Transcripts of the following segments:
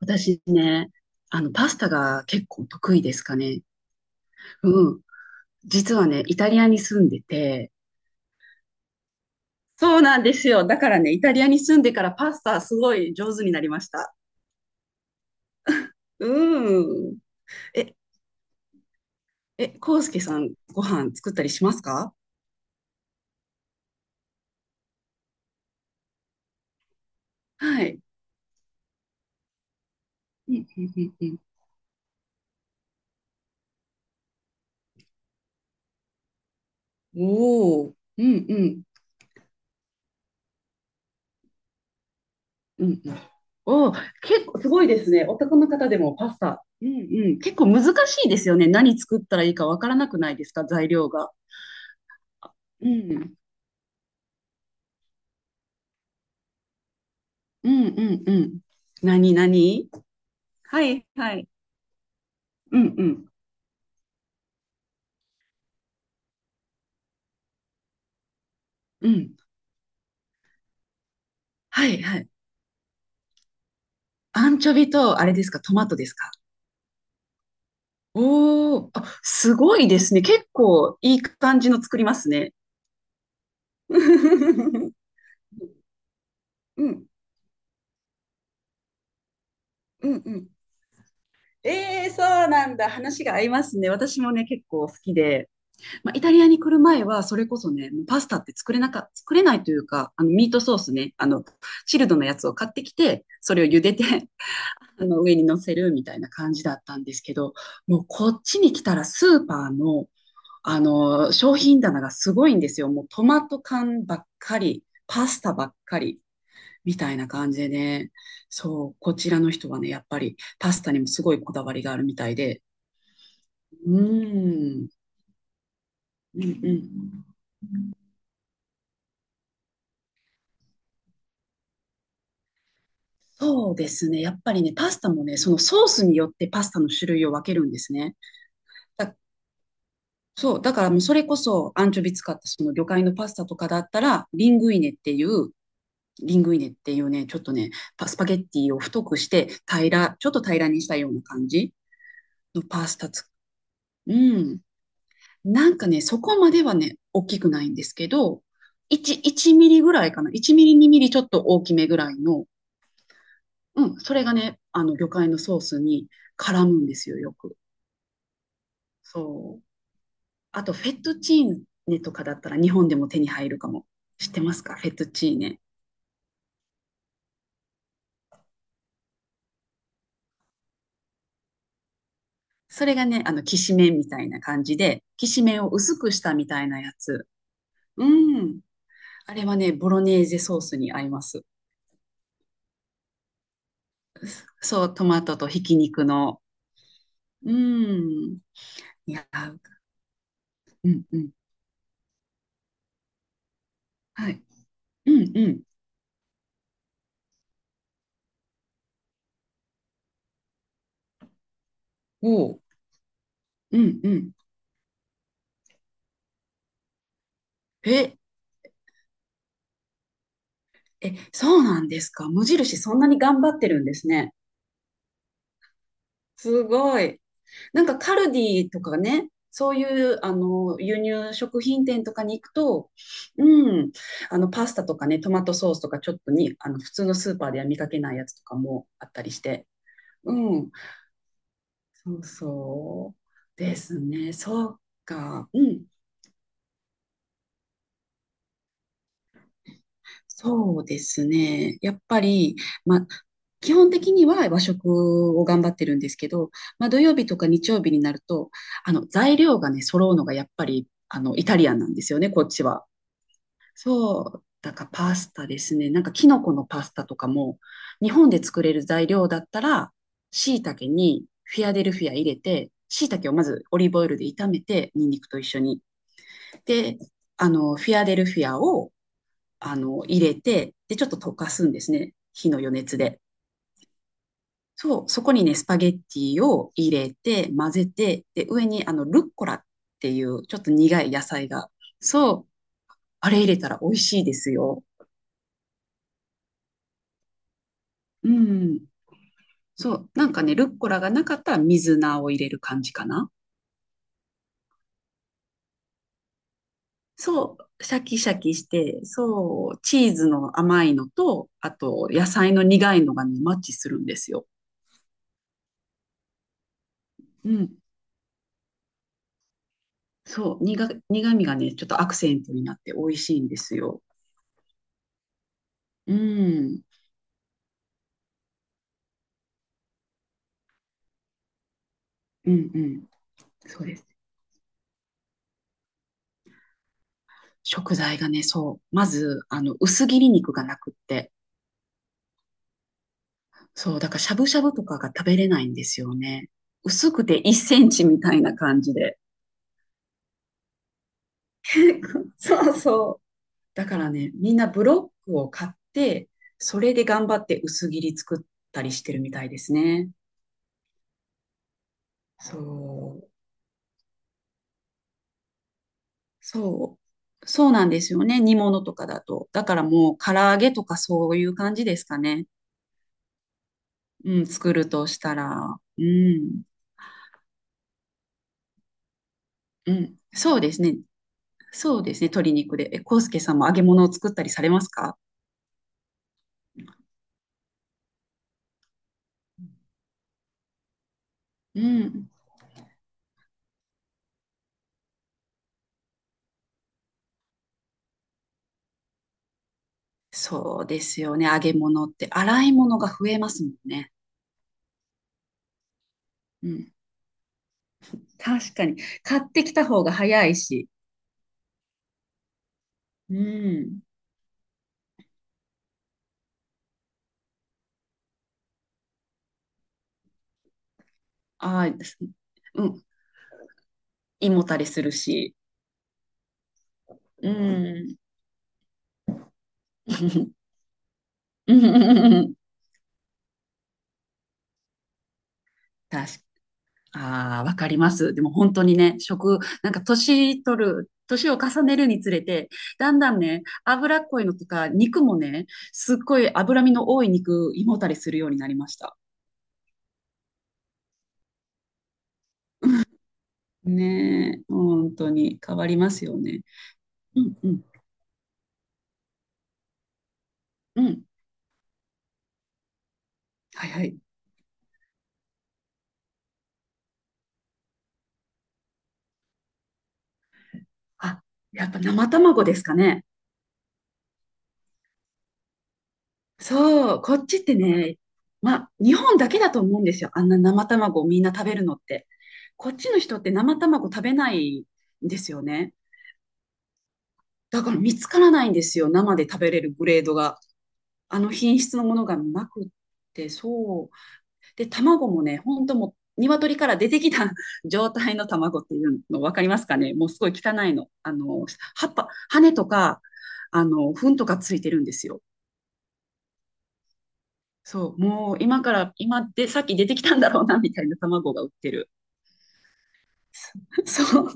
私ね、パスタが結構得意ですかね。うん。実はね、イタリアに住んでて、そうなんですよ。だからね、イタリアに住んでからパスタすごい上手になりました。うん。え、康介さん、ご飯作ったりしますか？はい。うんうんうんうん。おお、うんうん。うんうん、おお、結構すごいですね。男の方でもパスタ。うんうん。結構難しいですよね。何作ったらいいかわからなくないですか材料が。うん。うんうんうん。何何、はいはい。うんうんうん。はいはい。アンチョビと、あれですか、トマトですか？おおー、あ、すごいですね。結構いい感じの作りますね。うんうんうん。ええ、そうなんだ。話が合いますね。私もね、結構好きで。まあ、イタリアに来る前は、それこそね、もうパスタって作れないというか、ミートソースね、チルドのやつを買ってきて、それを茹でて、あの上に乗せるみたいな感じだったんですけど、もうこっちに来たらスーパーの、商品棚がすごいんですよ。もうトマト缶ばっかり、パスタばっかり、みたいな感じでね。そう、こちらの人はね、やっぱりパスタにもすごいこだわりがあるみたいで。うーん。うんうん。そうですね。やっぱりね、パスタもね、そのソースによってパスタの種類を分けるんですね。だそう、だからもうそれこそアンチョビ使ったその魚介のパスタとかだったら、リングイネっていうね、ちょっとね、パゲッティを太くしてちょっと平らにしたような感じのパスタつ、うん。なんかね、そこまではね、大きくないんですけど、1ミリぐらいかな。1ミリ、2ミリちょっと大きめぐらいの、うん、それがね、あの魚介のソースに絡むんですよ、よく。そう。あと、フェットチーネとかだったら日本でも手に入るかも。知ってますかフェットチーネ。それがね、きしめんみたいな感じで、きしめんを薄くしたみたいなやつ。うん。あれはね、ボロネーゼソースに合います。そう、トマトとひき肉の。うん。いや、うんうん。はい。うんうん。おう。うんうん。え、そうなんですか？無印そんなに頑張ってるんですね。すごい。なんかカルディとかね、そういうあの輸入食品店とかに行くと、うん、あのパスタとかね、トマトソースとかちょっとに、あの普通のスーパーでは見かけないやつとかもあったりして、うん、そうですね、そうか、うん、そうですね、やっぱり、ま、基本的には和食を頑張ってるんですけど、まあ、土曜日とか日曜日になると、あの材料がね、揃うのがやっぱりあのイタリアンなんですよね、こっちは。そう、だからパスタですね。なんかキノコのパスタとかも、日本で作れる材料だったら、椎茸にフィアデルフィア入れて、椎茸をまずオリーブオイルで炒めて、ニンニクと一緒に。で、フィアデルフィアを、入れて、で、ちょっと溶かすんですね。火の余熱で。そう、そこにね、スパゲッティを入れて、混ぜて、で、上にあの、ルッコラっていう、ちょっと苦い野菜が。そう、あれ入れたら美味しいですよ。うん。そう、なんかね、ルッコラがなかったら水菜を入れる感じかな。そう、シャキシャキして、そう、チーズの甘いのと、あと野菜の苦いのがね、マッチするんですよ。うん、苦味がね、ちょっとアクセントになって美味しいんですよ。うん、うん、うん、そうです。食材がね、そう、まず、薄切り肉がなくって、そう、だからしゃぶしゃぶとかが食べれないんですよね。薄くて1センチみたいな感じで。そうそう。だからね、みんなブロックを買って、それで頑張って薄切り作ったりしてるみたいですね。そう。そう。そうなんですよね。煮物とかだと。だからもう唐揚げとかそういう感じですかね。うん、作るとしたら。うん。うん。そうですね。そうですね。鶏肉で。え、コウスケさんも揚げ物を作ったりされますか？うん。そうですよね。揚げ物って洗い物が増えますもんね。うん。確かに。買ってきた方が早いし、うん。ああ、です、うん。胃もたれするし。うん。うん、確か。ああ、わかります。でも本当にね、なんか年を重ねるにつれて、だんだんね、脂っこいのとか、肉もね、すっごい脂身の多い肉、胃もたれするようになりました。ねえ、本当に変わりますよね。うんうんうん。はいはい。あ、やっぱ生卵ですかね。そう、こっちってね、まあ、日本だけだと思うんですよ。あんな生卵をみんな食べるのって。こっちの人って生卵食べないんですよね。だから見つからないんですよ。生で食べれるグレードが。あの品質のものがなくって、そう。で、卵もね、ほんともう、鶏から出てきた 状態の卵っていうの分かりますかね、もうすごい汚いの。葉っぱ、羽とか、糞とかついてるんですよ。そう、もう今から、今で、さっき出てきたんだろうな、みたいな卵が売ってる。そう、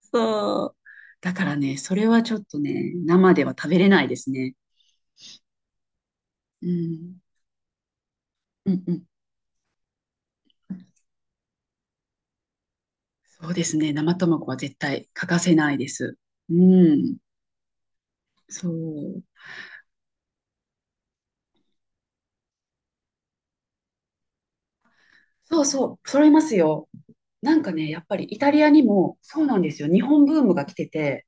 そう。だからね、それはちょっとね、生では食べれないですね。うん、うん、うん。そうですね、生卵は絶対欠かせないです。うん、そう。そうそう、揃いますよ。なんかね、やっぱりイタリアにも、そうなんですよ、日本ブームが来てて、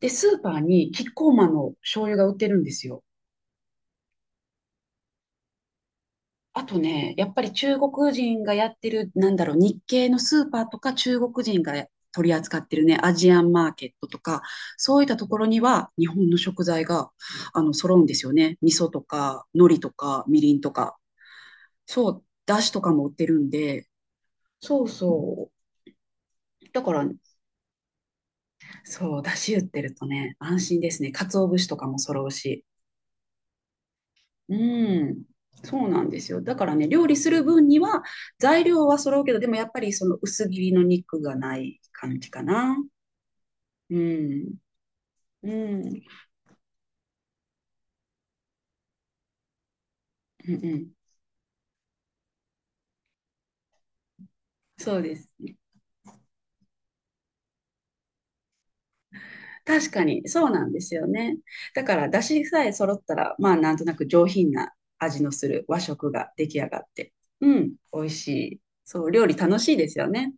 で、スーパーにキッコーマンの醤油が売ってるんですよ。あとね、やっぱり中国人がやってる、なんだろう、日系のスーパーとか中国人が取り扱ってるね、アジアンマーケットとか、そういったところには日本の食材が、揃うんですよね。味噌とか、海苔とか、みりんとか。そう、だしとかも売ってるんで、そうそう。だから、そう、だし売ってるとね、安心ですね。鰹節とかも揃うし。うん、そうなんですよ。だからね、料理する分には材料は揃うけど、でもやっぱりその薄切りの肉がない感じかな。うん、うん、うんうん。そうです。確かに、そうなんですよね。だから、出汁さえ揃ったら、まあ、なんとなく上品な味のする和食が出来上がって、うん、美味しい。そう、料理楽しいですよね。